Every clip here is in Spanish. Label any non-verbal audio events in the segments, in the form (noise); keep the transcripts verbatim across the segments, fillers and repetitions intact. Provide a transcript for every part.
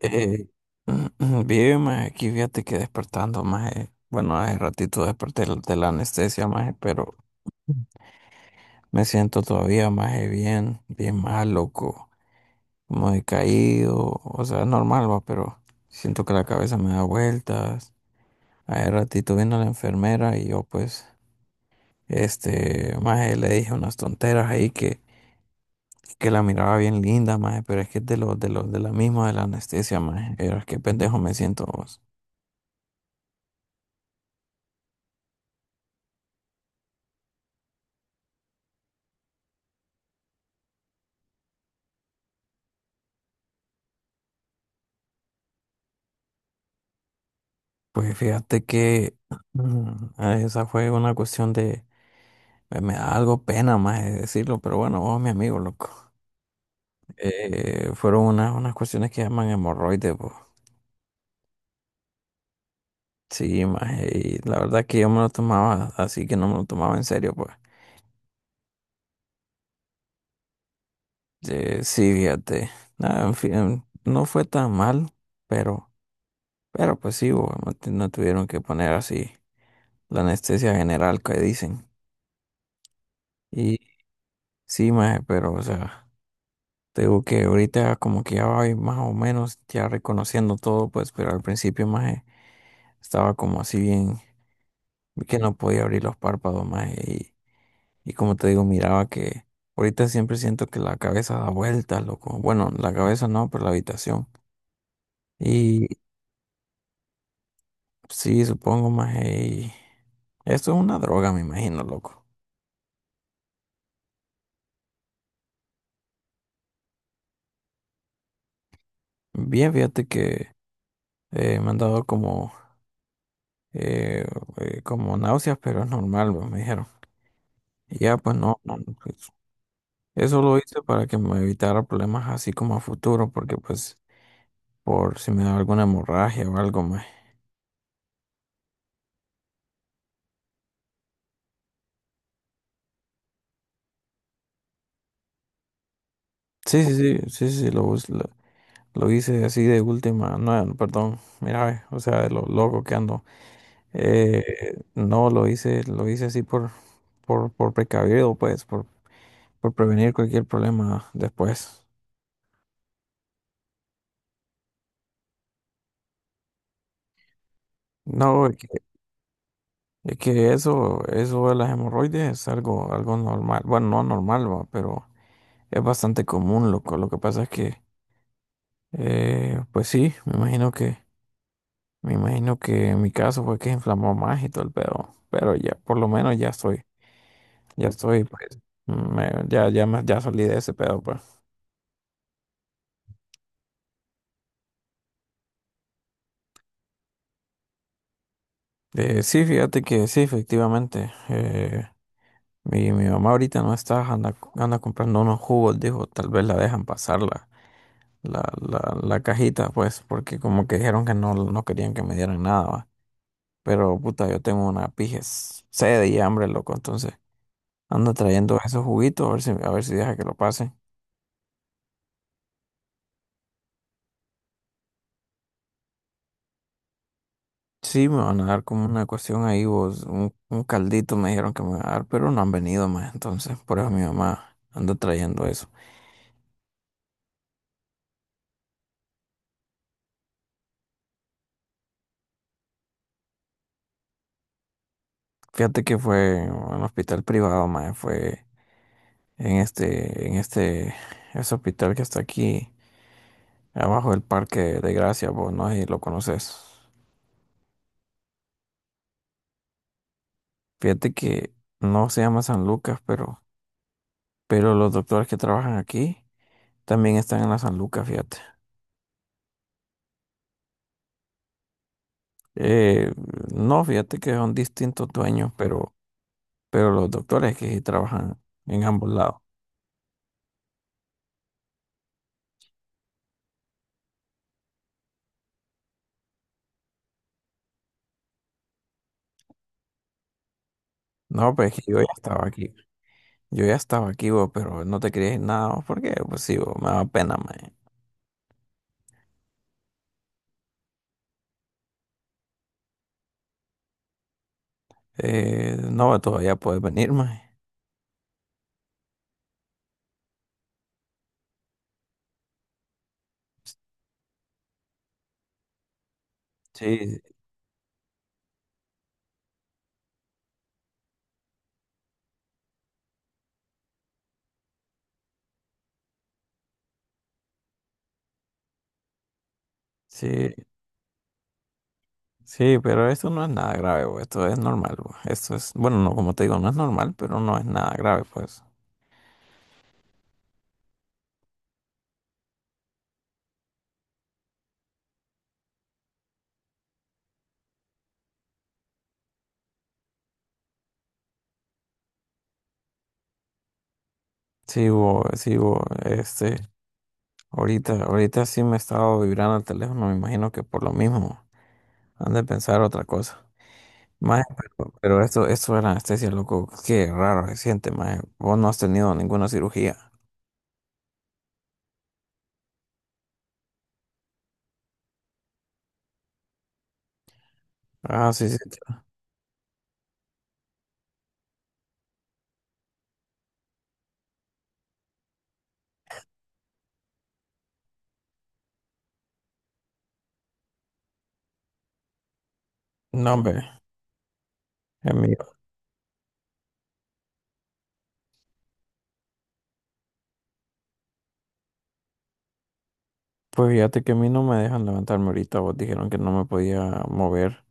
Eh, (clears throat) bien, maje, aquí fíjate que despertando, maje. Bueno, hace ratito desperté l- de la anestesia, maje, pero me siento todavía, maje, bien, bien mal, loco. Como decaído, o sea, es normal, va, pero siento que la cabeza me da vueltas. Hace ratito vino la enfermera y yo, pues, este, maje, le dije unas tonteras ahí que, que la miraba bien linda, maje, pero es que es de los, de los, de la misma de la anestesia, maje. Era que pendejo me siento. Pues fíjate que (clears throat) mm, ah, esa fue una cuestión de, me, me da algo pena más de decirlo, pero bueno, vos, mi amigo, loco. Eh, fueron unas, unas cuestiones que llaman hemorroides, pues. Sí, más, y la verdad que yo me lo tomaba, así que no me lo tomaba en serio, pues. Eh, sí, fíjate. Nada, en fin, no fue tan mal, pero, pero pues sí, bo, no, tu- no tuvieron que poner así la anestesia general que dicen. Y sí, más, pero, o sea. Te digo que ahorita como que ya voy más o menos ya reconociendo todo, pues, pero al principio más estaba como así bien, que no podía abrir los párpados más y, y como te digo, miraba que ahorita siempre siento que la cabeza da vueltas, loco. Bueno, la cabeza no, pero la habitación. Y sí, supongo más y esto es una droga, me imagino, loco. Bien, fíjate que eh, me han dado como, eh, eh, como náuseas, pero es normal, pues, me dijeron. Y ya, pues no, no, pues, eso lo hice para que me evitara problemas así como a futuro, porque pues por si me da alguna hemorragia o algo más. Sí, sí, sí, sí, sí, lo, us- lo, lo hice así de última, no, no, perdón, mira, ve, o sea, de lo loco que ando. Eh, no, lo hice, lo hice así por, por, por precavido, pues, por, por prevenir cualquier problema después. No, es que, es que eso, eso de las hemorroides es algo, algo normal, bueno, no normal, va, pero es bastante común, loco. Lo que pasa es que Eh, pues sí, me imagino que, me imagino que en mi caso fue que inflamó más y todo el pedo, pero ya, por lo menos ya estoy, ya estoy, pues, me- ya, ya, me- ya salí de ese pedo, pues. Eh, sí, fíjate que sí, efectivamente, eh, mi, mi mamá ahorita no está, anda, anda comprando unos jugos, dijo, tal vez la dejan pasar la, la, la, la cajita, pues, porque como que dijeron que no, no querían que me dieran nada, va. Pero, puta, yo tengo una pijes sed y hambre, loco, entonces. Anda trayendo esos juguitos, a ver si, a ver si deja que lo pase. Sí, me van a dar como una cuestión ahí, vos, un, un caldito me dijeron que me van a dar, pero no han venido más, entonces por eso mi mamá anda trayendo eso. Fíjate que fue en un hospital privado, más fue en este, en este, ese hospital que está aquí, abajo del Parque de Gracia, vos, no sé si lo conoces. Fíjate que no se llama San Lucas, pero, pero los doctores que trabajan aquí también están en la San Lucas, fíjate. Eh, no, fíjate que son distintos dueños, pero, pero los doctores que sí trabajan en ambos lados. No, pues que yo ya estaba aquí. Yo ya estaba aquí, vos, pero no te quería ir nada, vos, porque pues sí, vos, me da pena, mae. Eh, no, todavía puedes venir, mae. Sí, sí, sí, pero esto no es nada grave, vos. Esto es normal, vos. Esto es, bueno, no, como te digo, no es normal, pero no es nada grave, pues. Sí, vos, sí, vos, este, ahorita, ahorita sí me he estado vibrando el teléfono, me imagino que por lo mismo. Han de pensar otra cosa. Mae, pero, pero esto, esto de anestesia, loco, qué raro se siente, mae. Vos no has tenido ninguna cirugía. Ah, sí, sí. No, hombre. Amigo. Pues fíjate que a mí no me dejan levantarme ahorita. Vos dijeron que no me podía mover.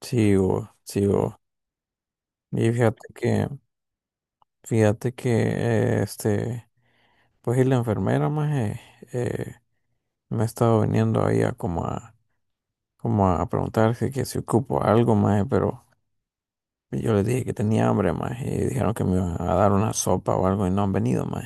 Sigo, sigo. Y fíjate que, fíjate que, eh, este, pues y la enfermera, mae, eh, me ha estado viniendo ahí a como a, como a preguntar que, que si ocupo algo, mae, pero. Y yo les dije que tenía hambre, más, y dijeron que me iban a dar una sopa o algo y no han venido, más.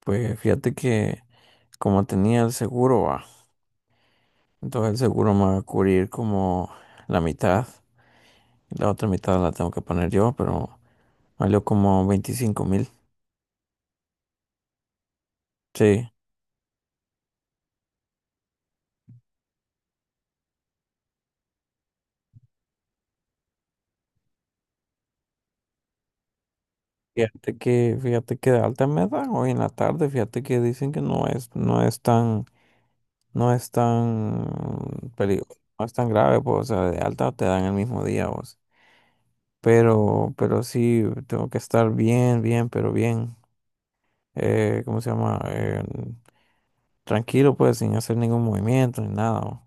Pues fíjate que como tenía el seguro, va, entonces el seguro me va a cubrir como la mitad, y la otra mitad la tengo que poner yo, pero valió como veinticinco mil. Sí. Fíjate que, fíjate que de alta me dan hoy en la tarde, fíjate que dicen que no es, no es tan, no es tan peligroso, no es tan grave, pues, o sea, de alta te dan el mismo día, vos. Pero, pero sí, tengo que estar bien, bien, pero bien. Eh, ¿cómo se llama? Eh, tranquilo, pues, sin hacer ningún movimiento ni nada, ¿no?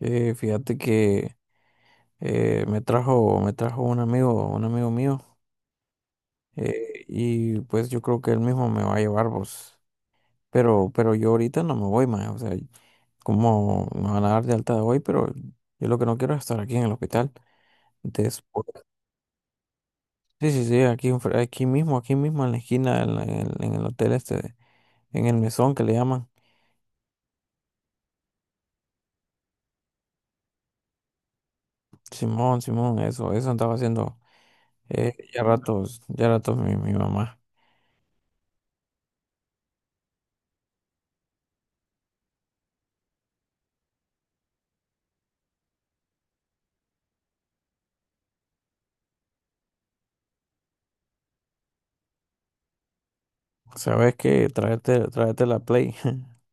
Eh, fíjate que eh, me trajo, me trajo un amigo, un amigo mío, eh, y pues yo creo que él mismo me va a llevar, pues. Pero, pero yo ahorita no me voy, más. O sea, como me van a dar de alta de hoy, pero yo lo que no quiero es estar aquí en el hospital. Después, sí, sí, sí, aquí, enfre- aquí mismo, aquí mismo en la esquina, en la- en- en el hotel este, en el mesón que le llaman. Simón, Simón, eso, eso andaba haciendo eh, ya ratos, ya ratos mi, mi mamá. ¿Sabes qué? Tráete, tráete la Play. (laughs)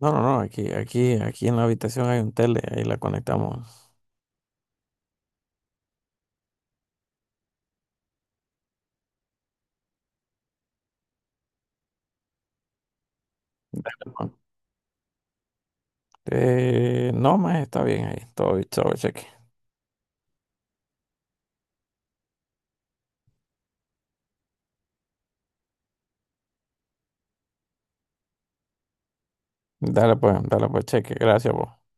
No, no, no, aquí, aquí, aquí en la habitación hay un tele, ahí la conectamos. Eh, no, más está bien ahí, todo, todo cheque. Dale pues, dale pues cheque, gracias vos.